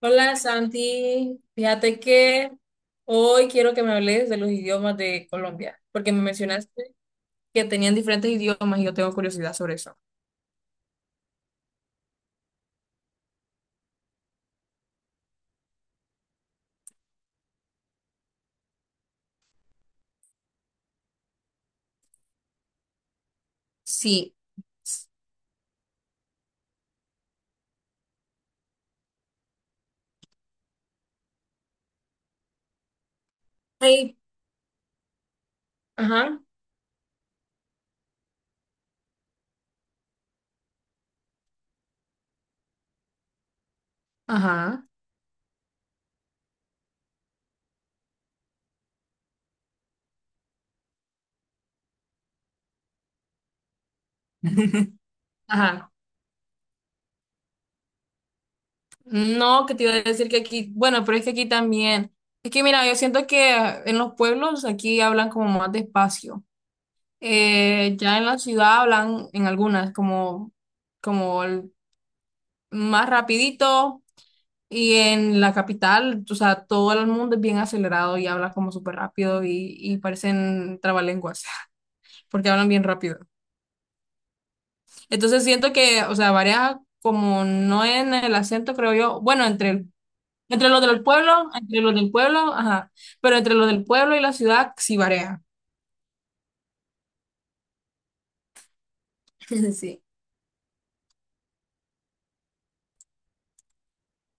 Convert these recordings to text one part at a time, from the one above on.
Hola Santi, fíjate que hoy quiero que me hables de los idiomas de Colombia, porque me mencionaste que tenían diferentes idiomas y yo tengo curiosidad sobre eso. Sí. Hey. Ajá, ajá, ajá. No, que te iba a decir que aquí, bueno, pero es que aquí también. Es que mira, yo siento que en los pueblos aquí hablan como más despacio. Ya en la ciudad hablan en algunas como, como el- más rapidito. Y en la capital, o sea, todo el mundo es bien acelerado y habla como súper rápido y parecen trabalenguas, porque hablan bien rápido. Entonces siento que, o sea, varía como no en el acento, creo yo, bueno, entre, entre los del pueblo, ajá, pero entre los del pueblo y la ciudad sí varía. Sí.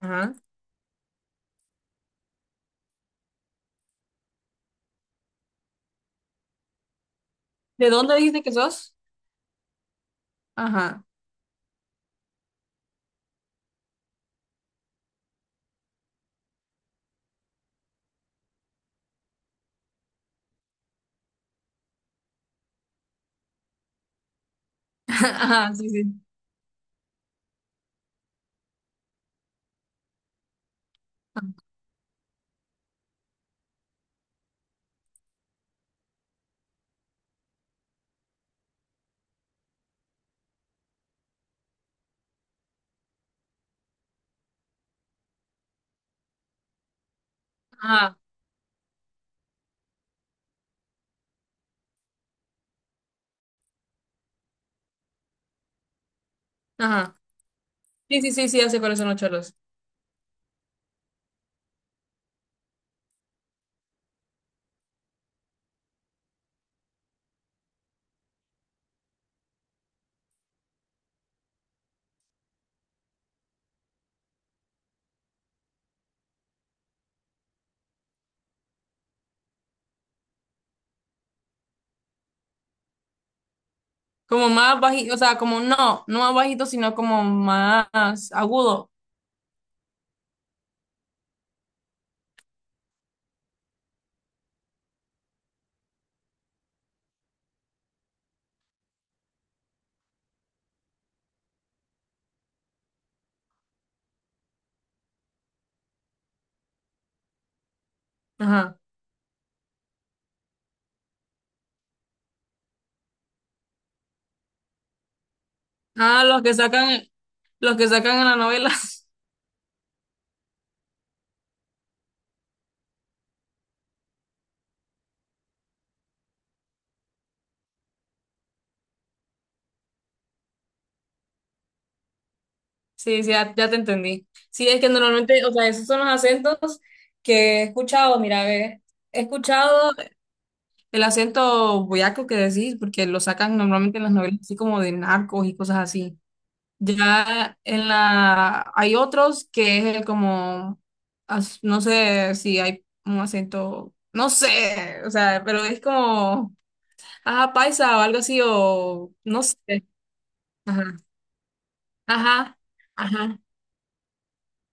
Ajá. ¿De dónde dijiste que sos? Ajá. Ajá, sí, sí. Ajá, ajá. Sí, sí, sí, sí, ya, ¿sé cuáles son los cholos? Como más bajito, o sea, como no, no más bajito, sino como más agudo. Ajá. Ah, los que sacan en las novelas. Sí, sí, ya, ya te entendí. Sí, es que normalmente, o sea, esos son los acentos que he escuchado, mira, ve, he escuchado el acento boyaco que decís, porque lo sacan normalmente en las novelas, así como de narcos y cosas así. Ya en la hay otros que es el como no sé si hay un acento, no sé, o sea, pero es como ajá, paisa o algo así o no sé. Ajá. Ajá. Ajá.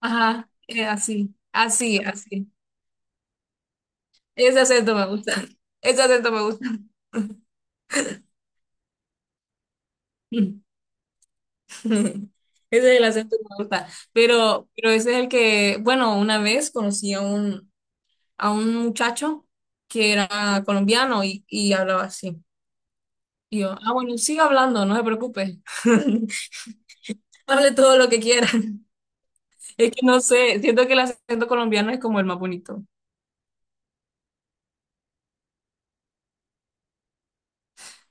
Ajá. Así. Así, así. Ese acento me gusta. Ese acento me gusta. Ese es el acento que me gusta. Pero ese es el que, bueno, una vez conocí a un muchacho que era colombiano y hablaba así. Y yo, ah, bueno, siga hablando, no se preocupe. Hable todo lo que quiera. Es que no sé, siento que el acento colombiano es como el más bonito.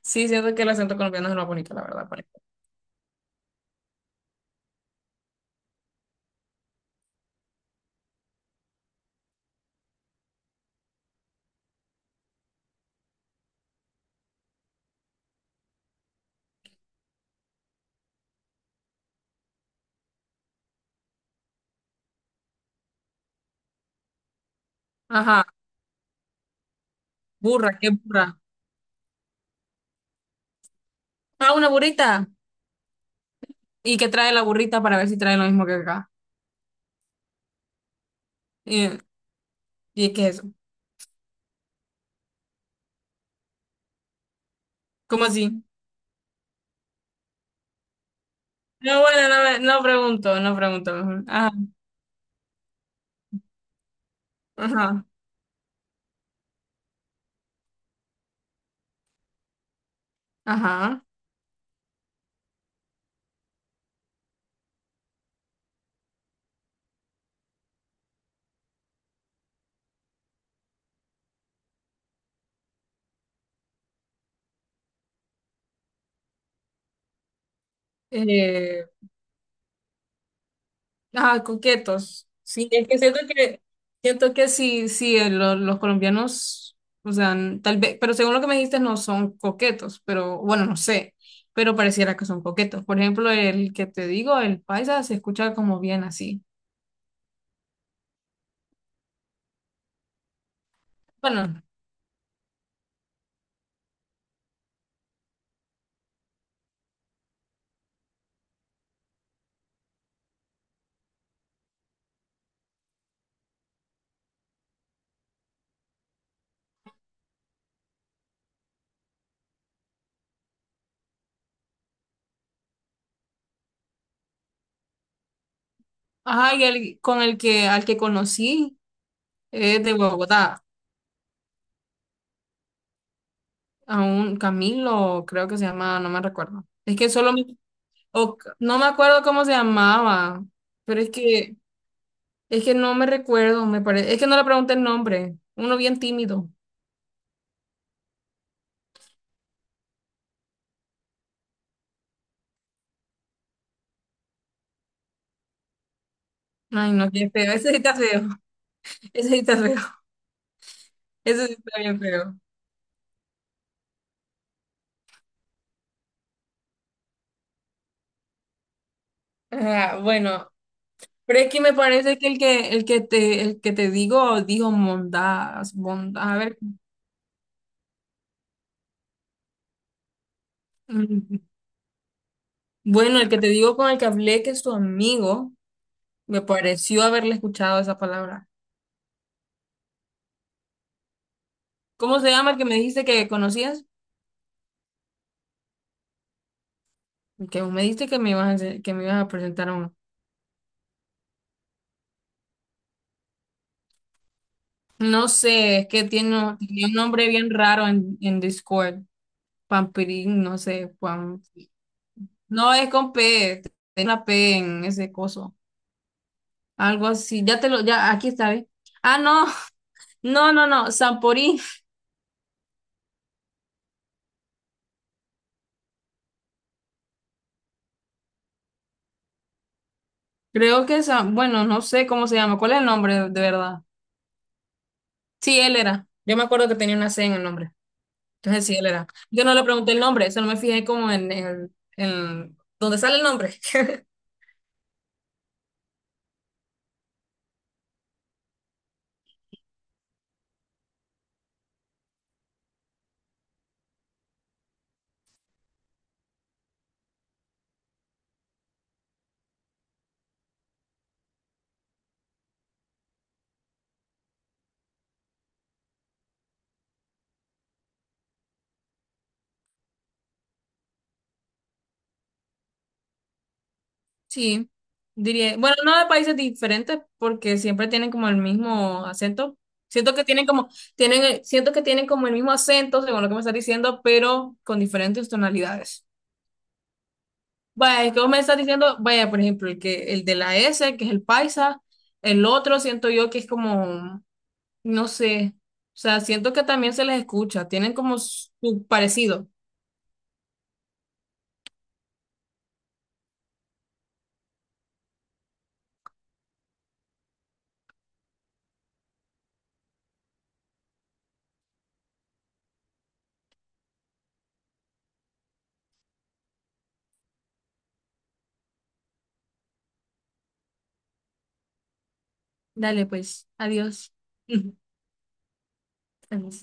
Sí, siento que el acento colombiano es el más bonito, la verdad. Por ejemplo. Ajá, burra, qué burra. Ah, una burrita. ¿Y qué trae la burrita para ver si trae lo mismo que acá? ¿Y, y qué es eso? ¿Cómo así? No, bueno, no, no pregunto, no pregunto. Ajá, ajá, ajá. Eh, Ah, coquetos. Sí, es que siento que, siento que sí, sí, los colombianos, o sea, tal vez, pero según lo que me dijiste, no son coquetos, pero bueno, no sé, pero pareciera que son coquetos. Por ejemplo, el que te digo, el paisa, se escucha como bien así. Bueno, ajá, y el, con el que, al que conocí, es de Bogotá, a un Camilo, creo que se llama, no me recuerdo. Es que solo, o, no me acuerdo cómo se llamaba, pero es que... Es que no me recuerdo, me parece. Es que no le pregunté el nombre. Uno bien tímido. Ay, no, qué feo. Ese sí está feo. Ese sí está feo. Ese sí está bien feo. Ah, bueno, pero es que me parece que el que el que te digo dijo Mondas, Mondas. A ver. Mm. Bueno, el que te digo con el que hablé que es tu amigo, me pareció haberle escuchado esa palabra. ¿Cómo se llama el que me dijiste que conocías? Que vos me dijiste que me ibas a, que me ibas a presentar a uno. No sé, es que tiene un nombre bien raro en Discord. Pampirín, no sé, Juan. No es con P, es una P en ese coso. Algo así. Ya te lo, ya, aquí está, ¿ves? Ah, no, no, no, no, Samporín. Creo que es bueno, no sé cómo se llama. ¿Cuál es el nombre de verdad? Sí, él era. Yo me acuerdo que tenía una C en el nombre. Entonces sí, él era. Yo no le pregunté el nombre, solo me fijé como en el, en donde sale el nombre. Sí, diría, bueno, no de países diferentes porque siempre tienen como el mismo acento. Siento que tienen como, tienen, siento que tienen como el mismo acento, según lo que me estás diciendo, pero con diferentes tonalidades. Vaya, es que vos me estás diciendo, vaya, por ejemplo, el que, el de la S, que es el paisa, el otro siento yo que es como, no sé, o sea, siento que también se les escucha, tienen como su parecido. Dale, pues, adiós. Adiós.